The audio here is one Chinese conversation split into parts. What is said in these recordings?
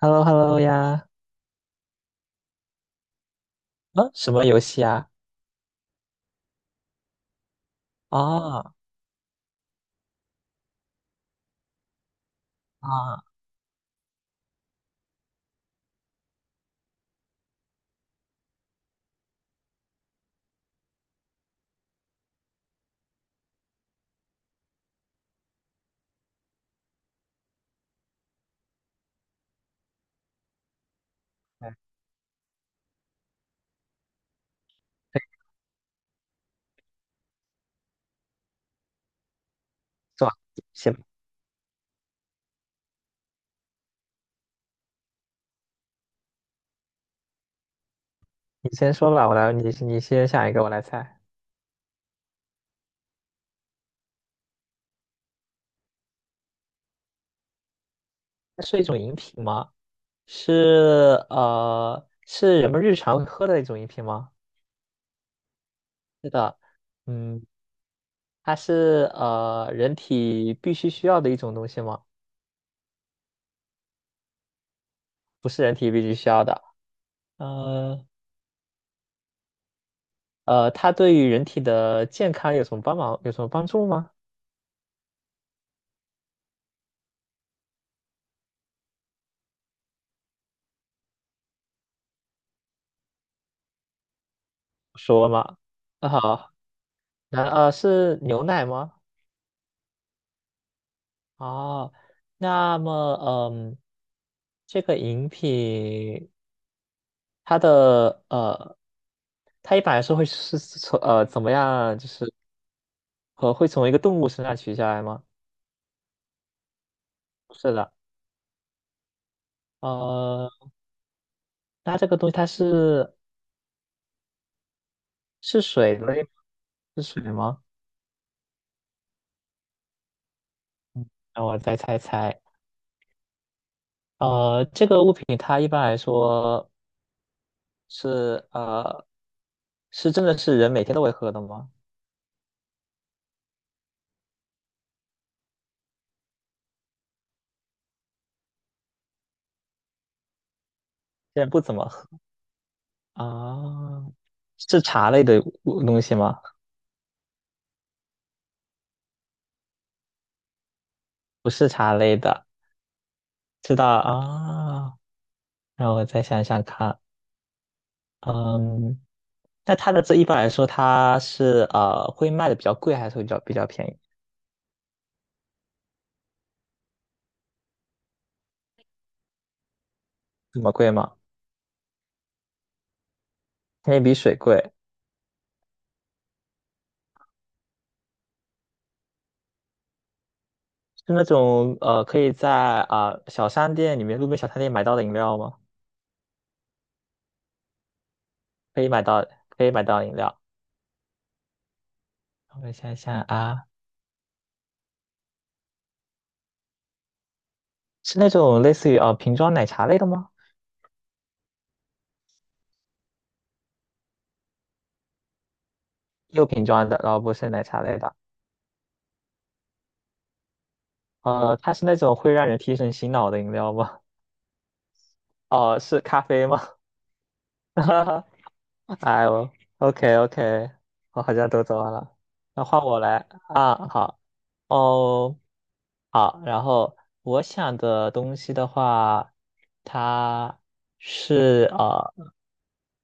h e l l o h e l l o 呀，啊，什么游戏啊？啊啊，来做行，你先说吧，我来，你先想一个，我来猜。它是一种饮品吗？是是人们日常喝的一种饮品吗？是的，嗯，它是人体必须需要的一种东西吗？不是人体必须需要的。呃它对于人体的健康有什么帮忙？有什么帮助吗？说嘛，啊好，那是牛奶吗？哦，那么，嗯，这个饮品它的它一般来说会是从怎么样，就是会从一个动物身上取下来吗？是的，呃，那这个东西它是是水类吗，是水吗？让我再猜猜，呃，这个物品它一般来说是呃是真的是人每天都会喝的吗？现在不怎么喝啊，是茶类的物东西吗？不是茶类的，知道啊？让我再想想看，嗯，那它的这一般来说，它是会卖的比较贵，还是会比较便宜？这么贵吗？肯定比水贵，是那种可以在小商店里面、路边小商店买到的饮料吗？可以买到，可以买到饮料。我想想啊，是那种类似于瓶装奶茶类的吗？又瓶装的，然后不是奶茶类的，呃，它是那种会让人提神醒脑的饮料吗？哦、是咖啡吗？哈哈，哎呦，OK OK，我好像都做完了，那换我来啊，好哦，好，然后我想的东西的话，它是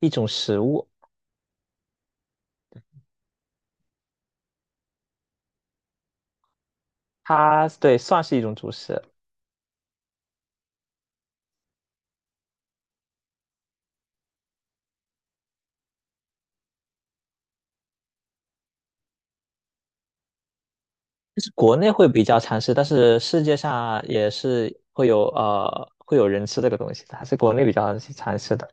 一种食物，它对算是一种主食，就是国内会比较常吃，但是世界上也是会有会有人吃这个东西的，还是国内比较常吃的。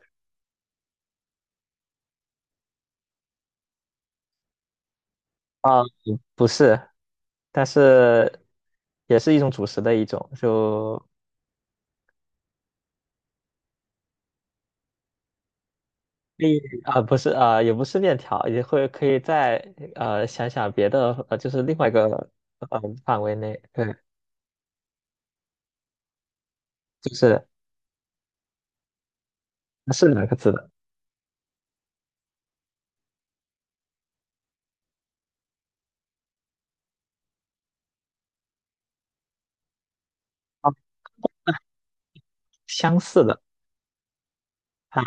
不是，但是也是一种主食的一种，就可以啊、不是啊、也不是面条，也会可以再想想别的，就是另外一个范围内，对，就是是两个字的，啊相似的，它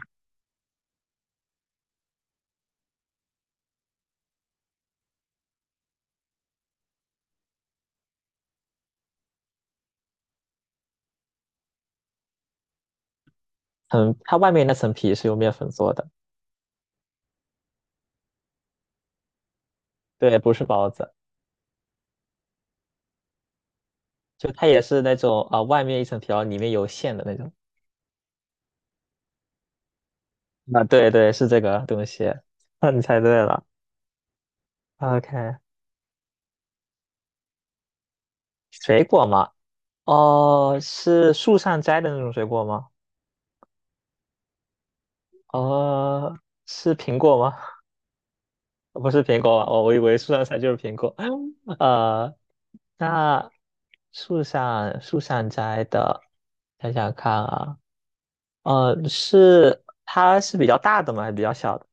它外面那层皮是用面粉做的，对，不是包子，就它也是那种啊、外面一层皮，然后里面有馅的那种，啊、对对是这个东西，那你猜对了，OK，水果嘛。哦，是树上摘的那种水果吗？哦，是苹果吗？不是苹果吧？哦，我以为树上摘就是苹果。呃，那树上摘的，想想看啊，呃，是它是比较大的吗？还是比较小的？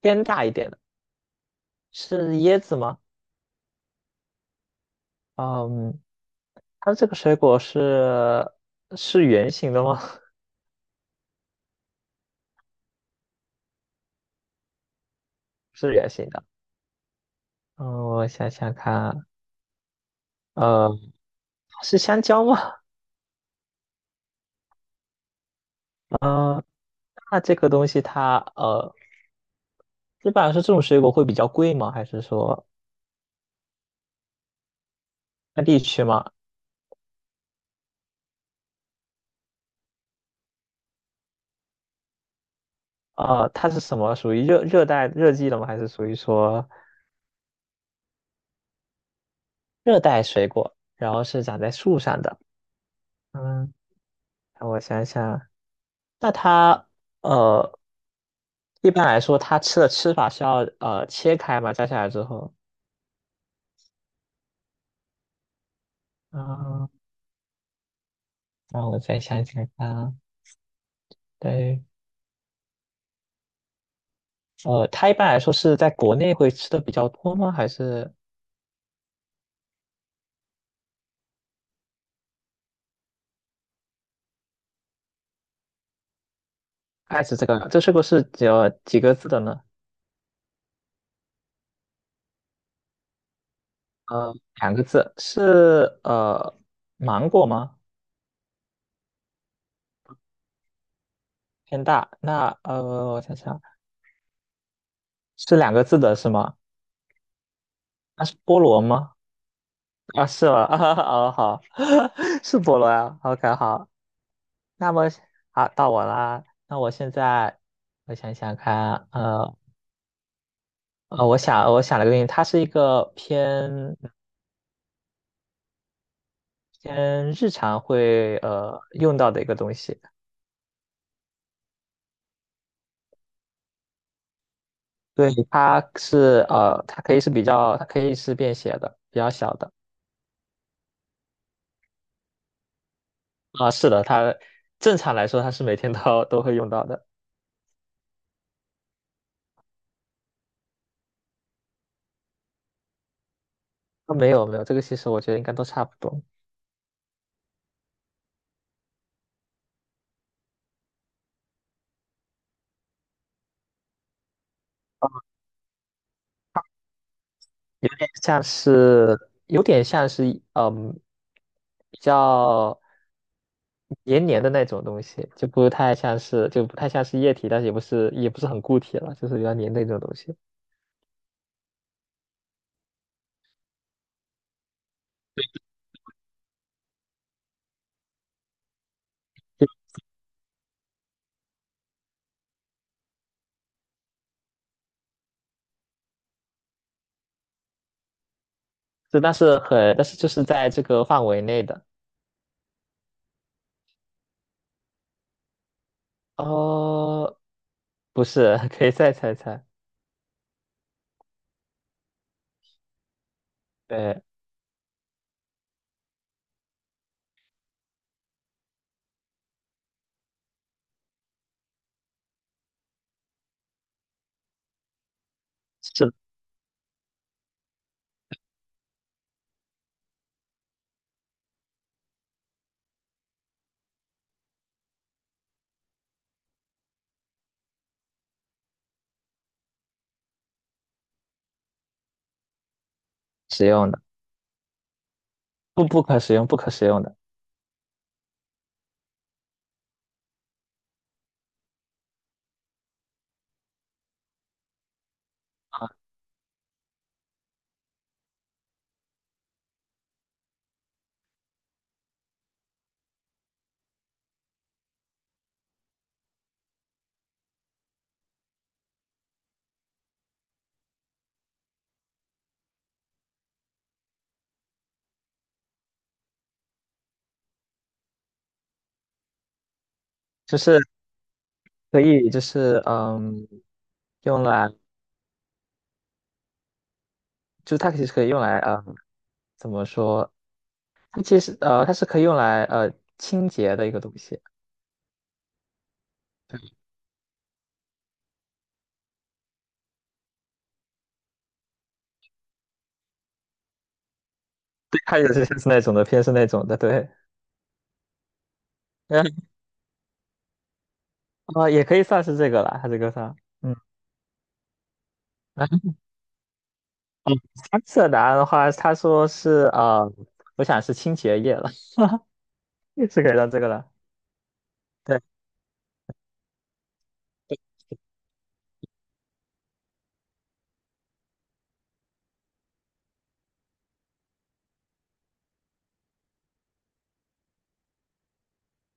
偏大一点的，是椰子吗？嗯，它这个水果是圆形的吗？是圆形的。嗯，我想想看啊，呃，是香蕉吗？嗯、那这个东西它一般来说这种水果会比较贵吗？还是说看地区吗？呃，它是什么属于热带热季的吗？还是属于说热带水果？然后是长在树上的。嗯，让我想想，那它呃，一般来说它吃的吃法是要切开嘛，摘下来之后。啊，那我再想想看啊，对，呃，它一般来说是在国内会吃的比较多吗？还是爱吃这个？这水果是只有几个字的呢？呃，两个字是芒果吗？偏大。那呃，我想想，是两个字的是吗？那是菠萝吗？啊，是吗？啊，哦好，是菠萝啊。OK，好。那么好，到我啦。那我现在我想想看，我想了个东西，它是一个偏日常会用到的一个东西。对，它是呃，它可以是比较，它可以是便携的，比较小的。啊，是的，它正常来说它是每天都 都会用到的。啊，没有没有，这个其实我觉得应该都差不多，像是有点像是嗯比较黏黏的那种东西，就不太像是就不太像是液体，但是也不是很固体了，就是比较黏的那种东西。就但是就是在这个范围内的。哦，不是，可以再猜猜。对，是使用的，不可使用，不可使用的啊，就是。可以就是嗯，用来，就它其实可以用来嗯，怎么说？它其实它是可以用来清洁的一个东西。对，它也是是那种的，偏是那种的，对 嗯，呃，也可以算是这个了，它这个算。嗯，然后三次答案的话，他说是我想是清洁液了，是可以当这个了。对。